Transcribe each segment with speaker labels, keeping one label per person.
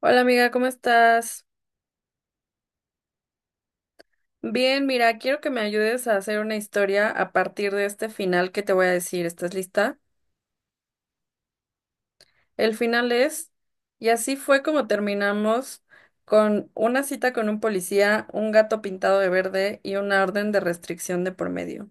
Speaker 1: Hola amiga, ¿cómo estás? Bien, mira, quiero que me ayudes a hacer una historia a partir de este final que te voy a decir. ¿Estás lista? El final es, y así fue como terminamos con una cita con un policía, un gato pintado de verde y una orden de restricción de por medio.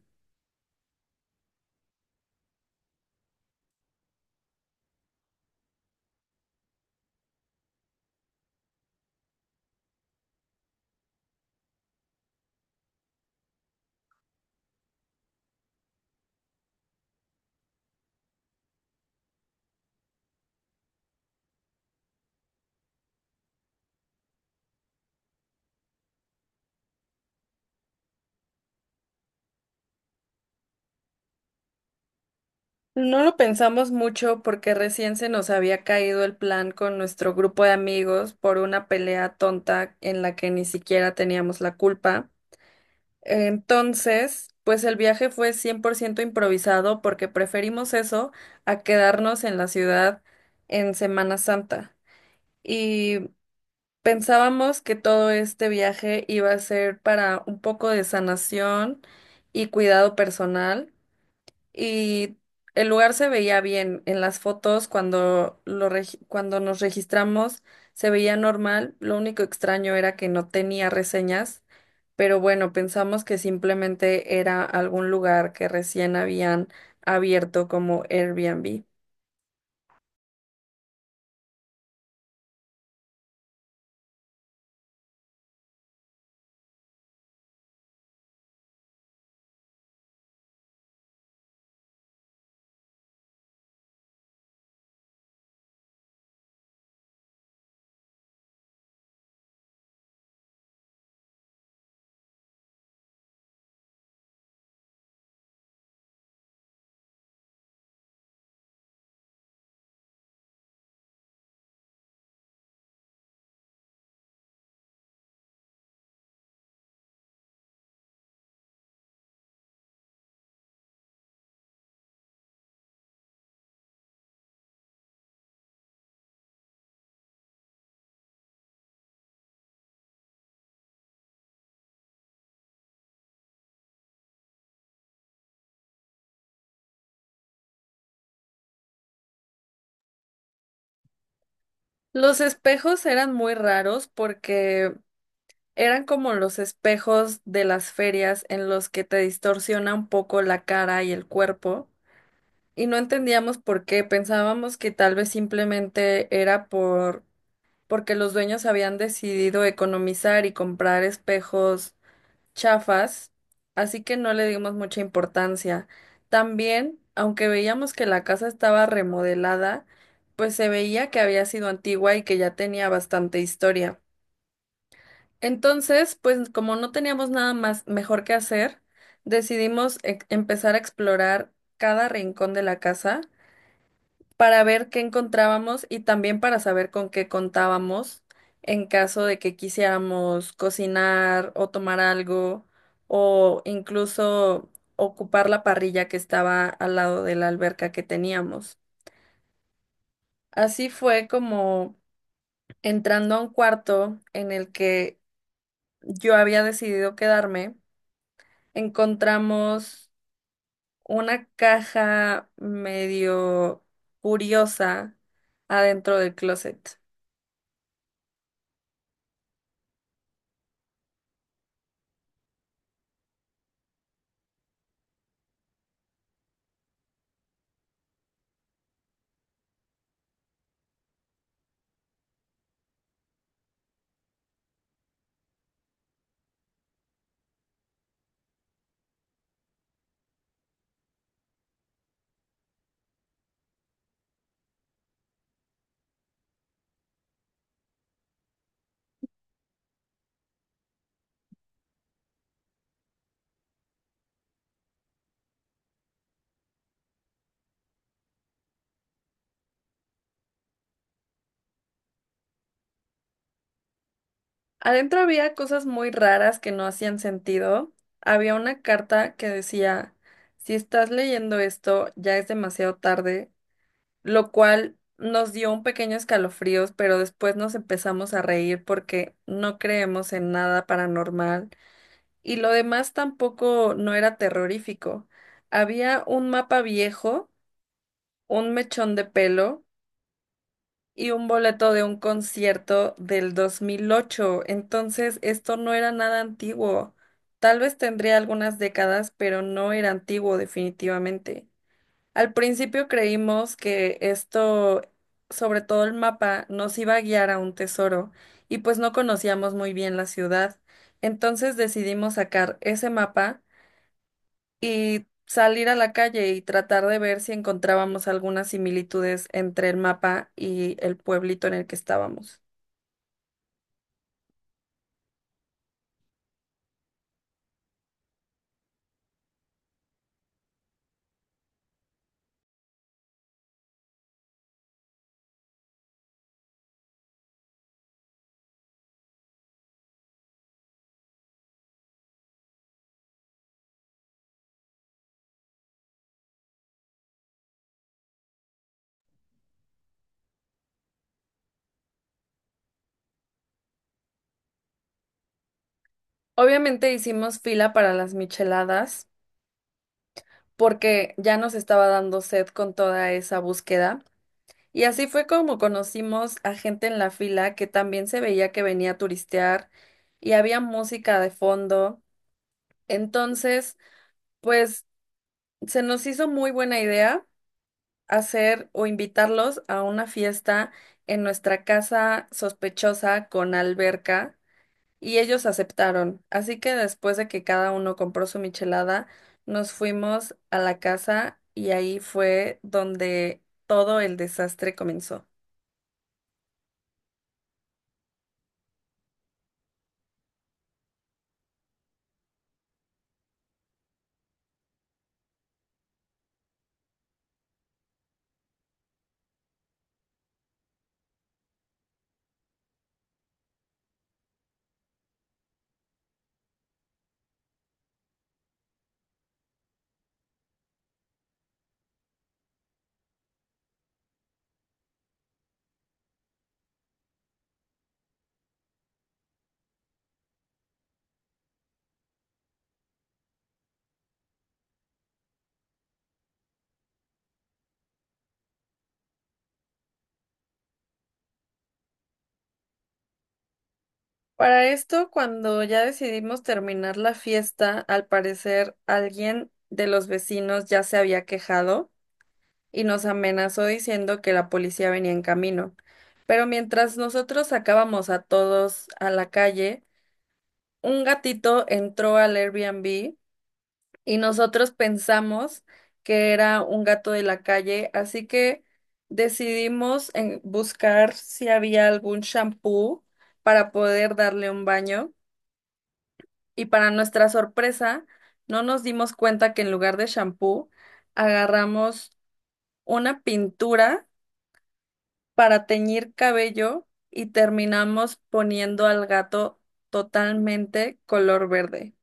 Speaker 1: No lo pensamos mucho porque recién se nos había caído el plan con nuestro grupo de amigos por una pelea tonta en la que ni siquiera teníamos la culpa. Entonces, pues el viaje fue 100% improvisado porque preferimos eso a quedarnos en la ciudad en Semana Santa. Y pensábamos que todo este viaje iba a ser para un poco de sanación y cuidado personal, y el lugar se veía bien. En las fotos, cuando, cuando nos registramos, se veía normal. Lo único extraño era que no tenía reseñas, pero bueno, pensamos que simplemente era algún lugar que recién habían abierto como Airbnb. Los espejos eran muy raros porque eran como los espejos de las ferias en los que te distorsiona un poco la cara y el cuerpo, y no entendíamos por qué. Pensábamos que tal vez simplemente era porque los dueños habían decidido economizar y comprar espejos chafas, así que no le dimos mucha importancia. También, aunque veíamos que la casa estaba remodelada, pues se veía que había sido antigua y que ya tenía bastante historia. Entonces, pues como no teníamos nada más mejor que hacer, decidimos empezar a explorar cada rincón de la casa para ver qué encontrábamos y también para saber con qué contábamos en caso de que quisiéramos cocinar o tomar algo o incluso ocupar la parrilla que estaba al lado de la alberca que teníamos. Así fue como, entrando a un cuarto en el que yo había decidido quedarme, encontramos una caja medio curiosa adentro del closet. Adentro había cosas muy raras que no hacían sentido. Había una carta que decía, si estás leyendo esto, ya es demasiado tarde, lo cual nos dio un pequeño escalofríos, pero después nos empezamos a reír porque no creemos en nada paranormal y lo demás tampoco no era terrorífico. Había un mapa viejo, un mechón de pelo y un boleto de un concierto del 2008. Entonces, esto no era nada antiguo. Tal vez tendría algunas décadas, pero no era antiguo definitivamente. Al principio creímos que esto, sobre todo el mapa, nos iba a guiar a un tesoro, y pues no conocíamos muy bien la ciudad. Entonces decidimos sacar ese mapa y salir a la calle y tratar de ver si encontrábamos algunas similitudes entre el mapa y el pueblito en el que estábamos. Obviamente hicimos fila para las micheladas porque ya nos estaba dando sed con toda esa búsqueda. Y así fue como conocimos a gente en la fila que también se veía que venía a turistear y había música de fondo. Entonces, pues se nos hizo muy buena idea hacer o invitarlos a una fiesta en nuestra casa sospechosa con alberca y ellos aceptaron. Así que después de que cada uno compró su michelada, nos fuimos a la casa y ahí fue donde todo el desastre comenzó. Para esto, cuando ya decidimos terminar la fiesta, al parecer alguien de los vecinos ya se había quejado y nos amenazó diciendo que la policía venía en camino. Pero mientras nosotros sacábamos a todos a la calle, un gatito entró al Airbnb y nosotros pensamos que era un gato de la calle, así que decidimos buscar si había algún shampoo para poder darle un baño y, para nuestra sorpresa, no nos dimos cuenta que en lugar de shampoo agarramos una pintura para teñir cabello y terminamos poniendo al gato totalmente color verde.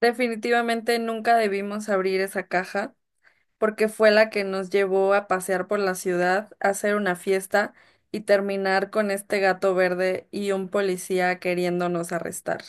Speaker 1: Definitivamente nunca debimos abrir esa caja porque fue la que nos llevó a pasear por la ciudad, a hacer una fiesta y terminar con este gato verde y un policía queriéndonos arrestar.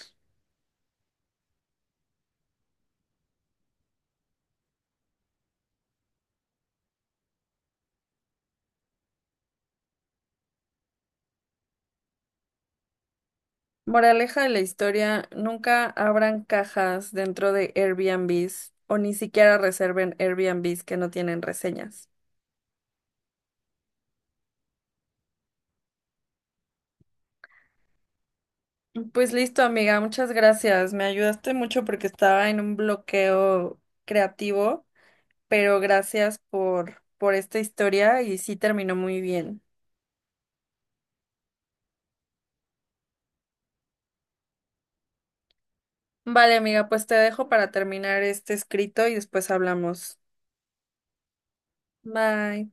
Speaker 1: Moraleja de la historia, nunca abran cajas dentro de Airbnbs o ni siquiera reserven Airbnbs que no tienen reseñas. Pues listo, amiga, muchas gracias. Me ayudaste mucho porque estaba en un bloqueo creativo, pero gracias por esta historia y sí terminó muy bien. Vale, amiga, pues te dejo para terminar este escrito y después hablamos. Bye.